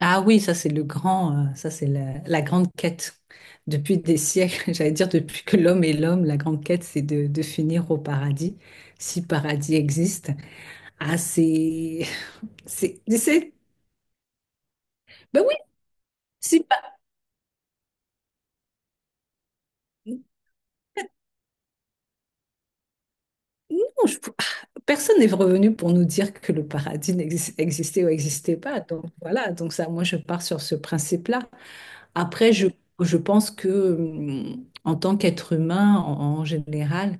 Ah oui, ça c'est le grand, ça c'est la grande quête. Depuis des siècles, j'allais dire depuis que l'homme est l'homme, la grande quête c'est de finir au paradis, si paradis existe. Ah c'est, c'est, c'est- ben oui, si pa- non, personne n'est revenu pour nous dire que le paradis existait ou n'existait pas. Donc voilà, donc ça, moi je pars sur ce principe-là. Après, je pense que en tant qu'être humain en général.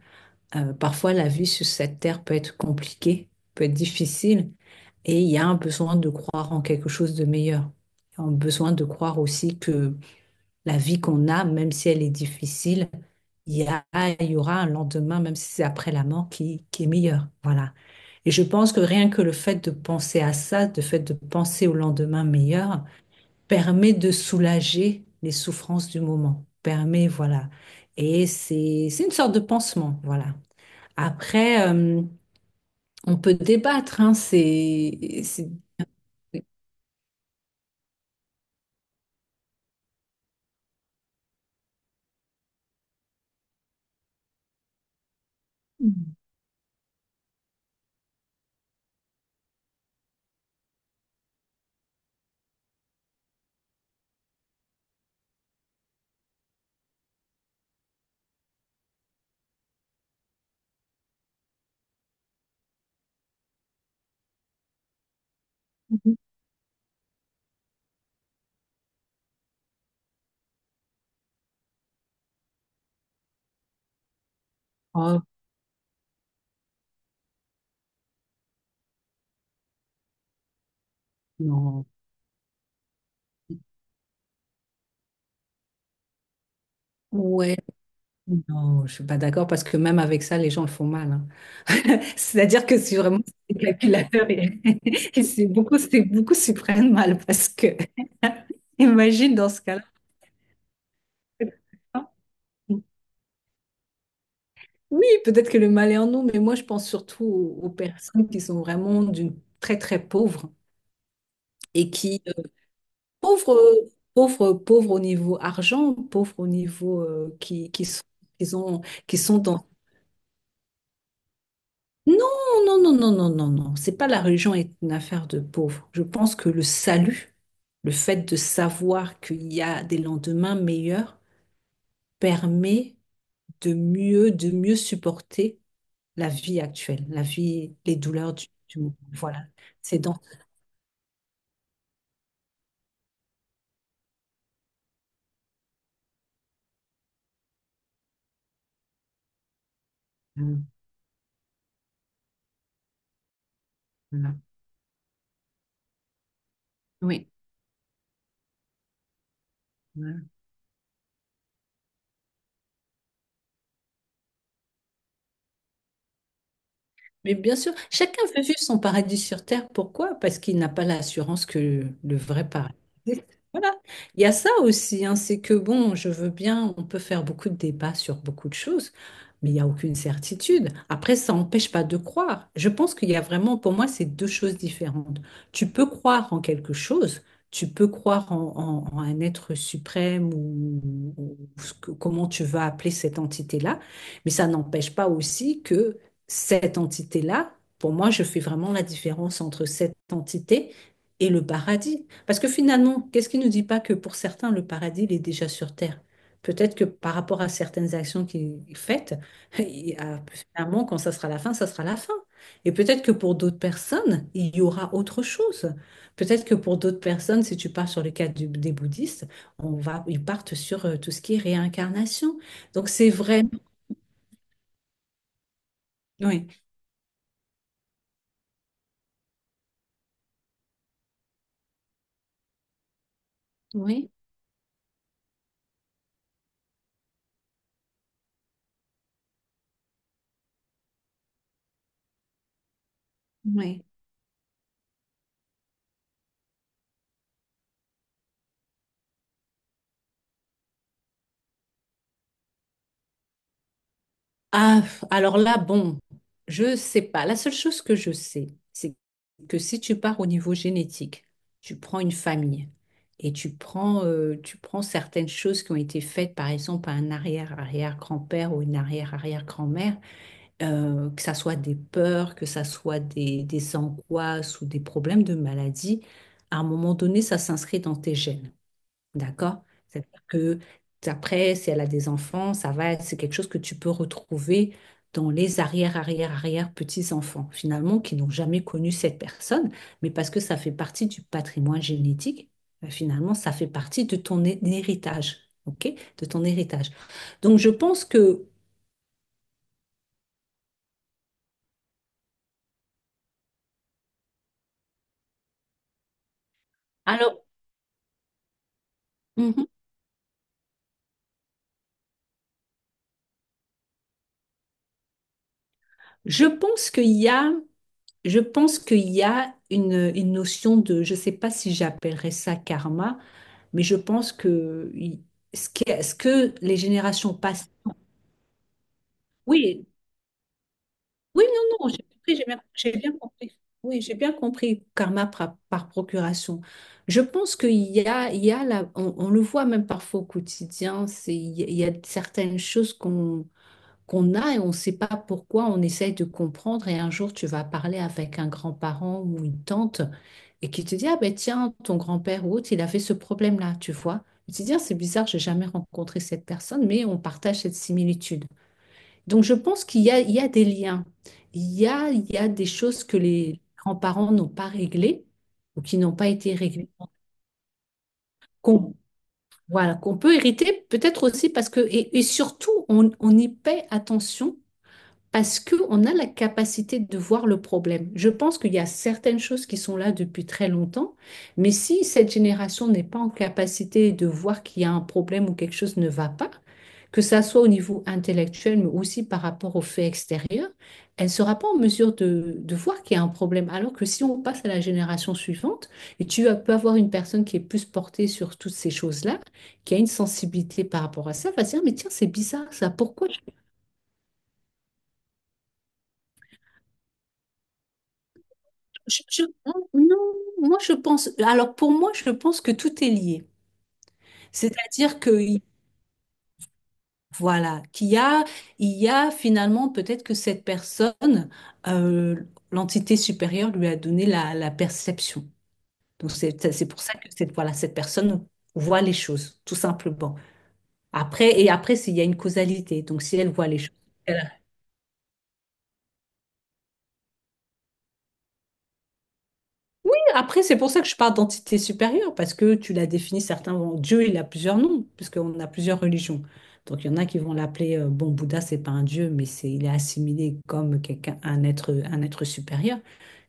Parfois, la vie sur cette terre peut être compliquée, peut être difficile, et il y a un besoin de croire en quelque chose de meilleur. Un besoin de croire aussi que la vie qu'on a, même si elle est difficile, il y a, il y aura un lendemain, même si c'est après la mort, qui est meilleur. Voilà. Et je pense que rien que le fait de penser à ça, le fait de penser au lendemain meilleur, permet de soulager les souffrances du moment. Permet, voilà. Et c'est une sorte de pansement, voilà. Après, on peut débattre, hein, Oh, non. Ouais, non, je suis pas d'accord parce que même avec ça, les gens le font mal, hein. C'est-à-dire que c'est vraiment c'est calculateur et, et c'est beaucoup s'y prennent mal parce que imagine dans ce cas-là. Oui, peut-être que le mal est en nous, mais moi je pense surtout aux personnes qui sont vraiment d'une très très pauvre et qui Pauvres, pauvres, pauvres au niveau argent, pauvres au niveau qui sont, qui ont- qui sont dans... Non, non, non, non, non, non, non. C'est pas la religion est une affaire de pauvres. Je pense que le salut, le fait de savoir qu'il y a des lendemains meilleurs, permet de mieux supporter la vie actuelle, la vie, les douleurs du monde. Voilà. C'est dans... Voilà. Oui. Mais bien sûr, chacun veut vivre son paradis sur Terre. Pourquoi? Parce qu'il n'a pas l'assurance que le vrai paradis existe. Voilà. Il y a ça aussi, hein, c'est que bon, je veux bien, on peut faire beaucoup de débats sur beaucoup de choses, mais il n'y a aucune certitude. Après, ça n'empêche pas de croire. Je pense qu'il y a vraiment, pour moi, c'est deux choses différentes. Tu peux croire en quelque chose, tu peux croire en un être suprême ou ce que- comment tu vas appeler cette entité-là, mais ça n'empêche pas aussi que cette entité-là, pour moi, je fais vraiment la différence entre cette entité et le paradis. Parce que finalement, qu'est-ce qui ne nous dit pas que pour certains, le paradis, il est déjà sur Terre? Peut-être que par rapport à certaines actions qu'il fait, il- euh, finalement, quand ça sera la fin, ça sera la fin. Et peut-être que pour d'autres personnes, il y aura autre chose. Peut-être que pour d'autres personnes, si tu pars sur le cas du- des bouddhistes, on va, ils partent sur tout ce qui est réincarnation. Donc c'est vrai. Oui, oui, oui. Ah, alors là, bon, je sais pas. La seule chose que je sais, c'est que si tu pars au niveau génétique, tu prends une famille et tu prends certaines choses qui ont été faites, par exemple, par un arrière-arrière-grand-père ou une arrière-arrière-grand-mère, que ça soit des peurs, que ça soit des angoisses ou des problèmes de maladie, à un moment donné, ça s'inscrit dans tes gènes. D'accord? C'est-à-dire que après, si elle a des enfants, ça va, c'est quelque chose que tu peux retrouver dans les arrière, arrière, arrière petits-enfants, finalement, qui n'ont jamais connu cette personne, mais parce que ça fait partie du patrimoine génétique, finalement, ça fait partie de ton héritage, ok? De ton héritage. Donc, je pense que, alors, mhm. je pense qu'il y a Je pense qu'il y a une notion de, je ne sais pas si j'appellerais ça karma, mais je pense que ce que, ce que les générations passent. Oui, oui, non, non, j'ai compris, j'ai bien compris. Oui, j'ai bien compris karma par procuration. Je pense qu'il y a, il y a la- on le voit même parfois au quotidien, c'est, il y a certaines choses qu'on qu'on a et on ne sait pas pourquoi, on essaye de comprendre et un jour tu vas parler avec un grand-parent ou une tante. Et qui te dit, ah ben tiens, ton grand-père ou autre, il avait ce problème-là, tu vois. Et tu te dis, ah, c'est bizarre, j'ai jamais rencontré cette personne, mais on partage cette similitude. Donc je pense qu'il y a, il y a des liens, il y a des choses que les grands-parents n'ont pas réglées ou qui n'ont pas été réglées, qu'on voilà, qu'on peut hériter, peut-être aussi parce que, et surtout, on y paie attention parce qu'on a la capacité de voir le problème. Je pense qu'il y a certaines choses qui sont là depuis très longtemps, mais si cette génération n'est pas en capacité de voir qu'il y a un problème ou quelque chose ne va pas, que ça soit au niveau intellectuel, mais aussi par rapport aux faits extérieurs, elle ne sera pas en mesure de voir qu'il y a un problème. Alors que si on passe à la génération suivante, et peux avoir une personne qui est plus portée sur toutes ces choses-là, qui a une sensibilité par rapport à ça, va se dire, mais tiens, c'est bizarre ça, pourquoi Je- je- non, moi je pense. Alors pour moi, je pense que tout est lié. C'est-à-dire que voilà, qu'il y a, il y a finalement peut-être que cette personne, euh, l'entité supérieure lui a donné la perception. Donc c'est pour ça que cette voilà cette personne voit les choses tout simplement. Après et après s'il y a une causalité. Donc si elle voit les choses. Après, c'est pour ça que je parle d'entité supérieure, parce que tu l'as défini, certains vont... Dieu, il a plusieurs noms, puisqu'on a plusieurs religions. Donc, il y en a qui vont l'appeler, bon, Bouddha, c'est pas un dieu, mais c'est, il est assimilé comme quelqu'un, un être supérieur.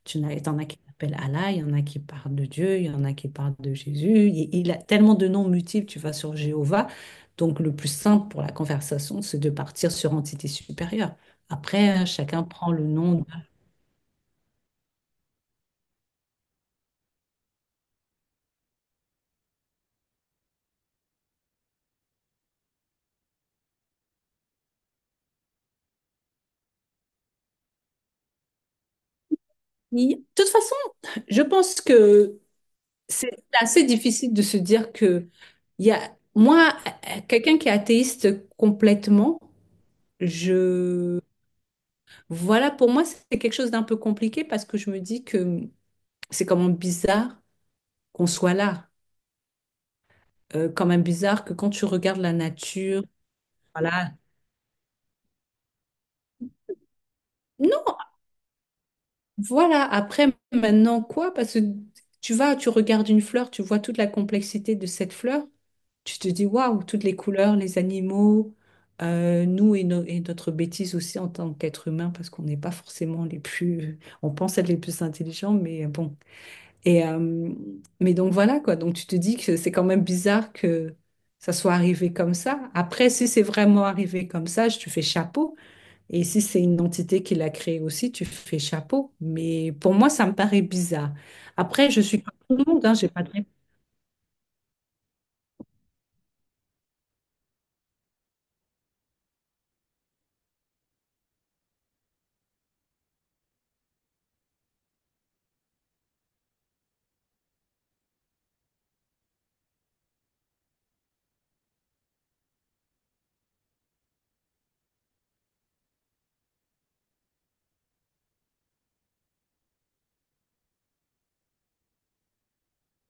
Tu en as t'en as qui l'appellent Allah, il y en a qui parlent de Dieu, il y en a qui parlent de Jésus. Il a tellement de noms multiples, tu vas sur Jéhovah. Donc, le plus simple pour la conversation, c'est de partir sur entité supérieure. Après, chacun prend le nom de... De toute façon, je pense que c'est assez difficile de se dire que il y a moi quelqu'un qui est athéiste complètement je voilà pour moi c'est quelque chose d'un peu compliqué parce que je me dis que c'est quand même bizarre qu'on soit là. Quand même bizarre que quand tu regardes la nature voilà non voilà après maintenant quoi parce que tu vas tu regardes une fleur tu vois toute la complexité de cette fleur. Tu te dis, waouh, toutes les couleurs, les animaux, nous et, et notre bêtise aussi en tant qu'être humain, parce qu'on n'est pas forcément les plus, on pense être les plus intelligents, mais bon. Et, mais donc voilà, quoi. Donc tu te dis que c'est quand même bizarre que ça soit arrivé comme ça. Après, si c'est vraiment arrivé comme ça, tu fais chapeau. Et si c'est une entité qui l'a créé aussi, tu fais chapeau. Mais pour moi, ça me paraît bizarre. Après, je suis comme tout le monde, hein, j'ai pas de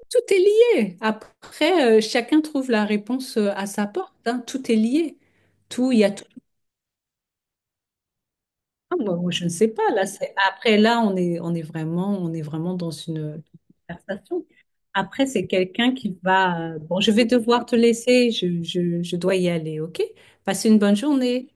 Tout est lié. Après, chacun trouve la réponse à sa porte, hein. Tout est lié. Tout, il y a tout. Ah, moi, je ne sais pas. Là, c'est- Après, là, on est vraiment dans une conversation. Après, c'est quelqu'un qui va. Bon, je vais devoir te laisser. Je dois y aller, OK? Passez une bonne journée.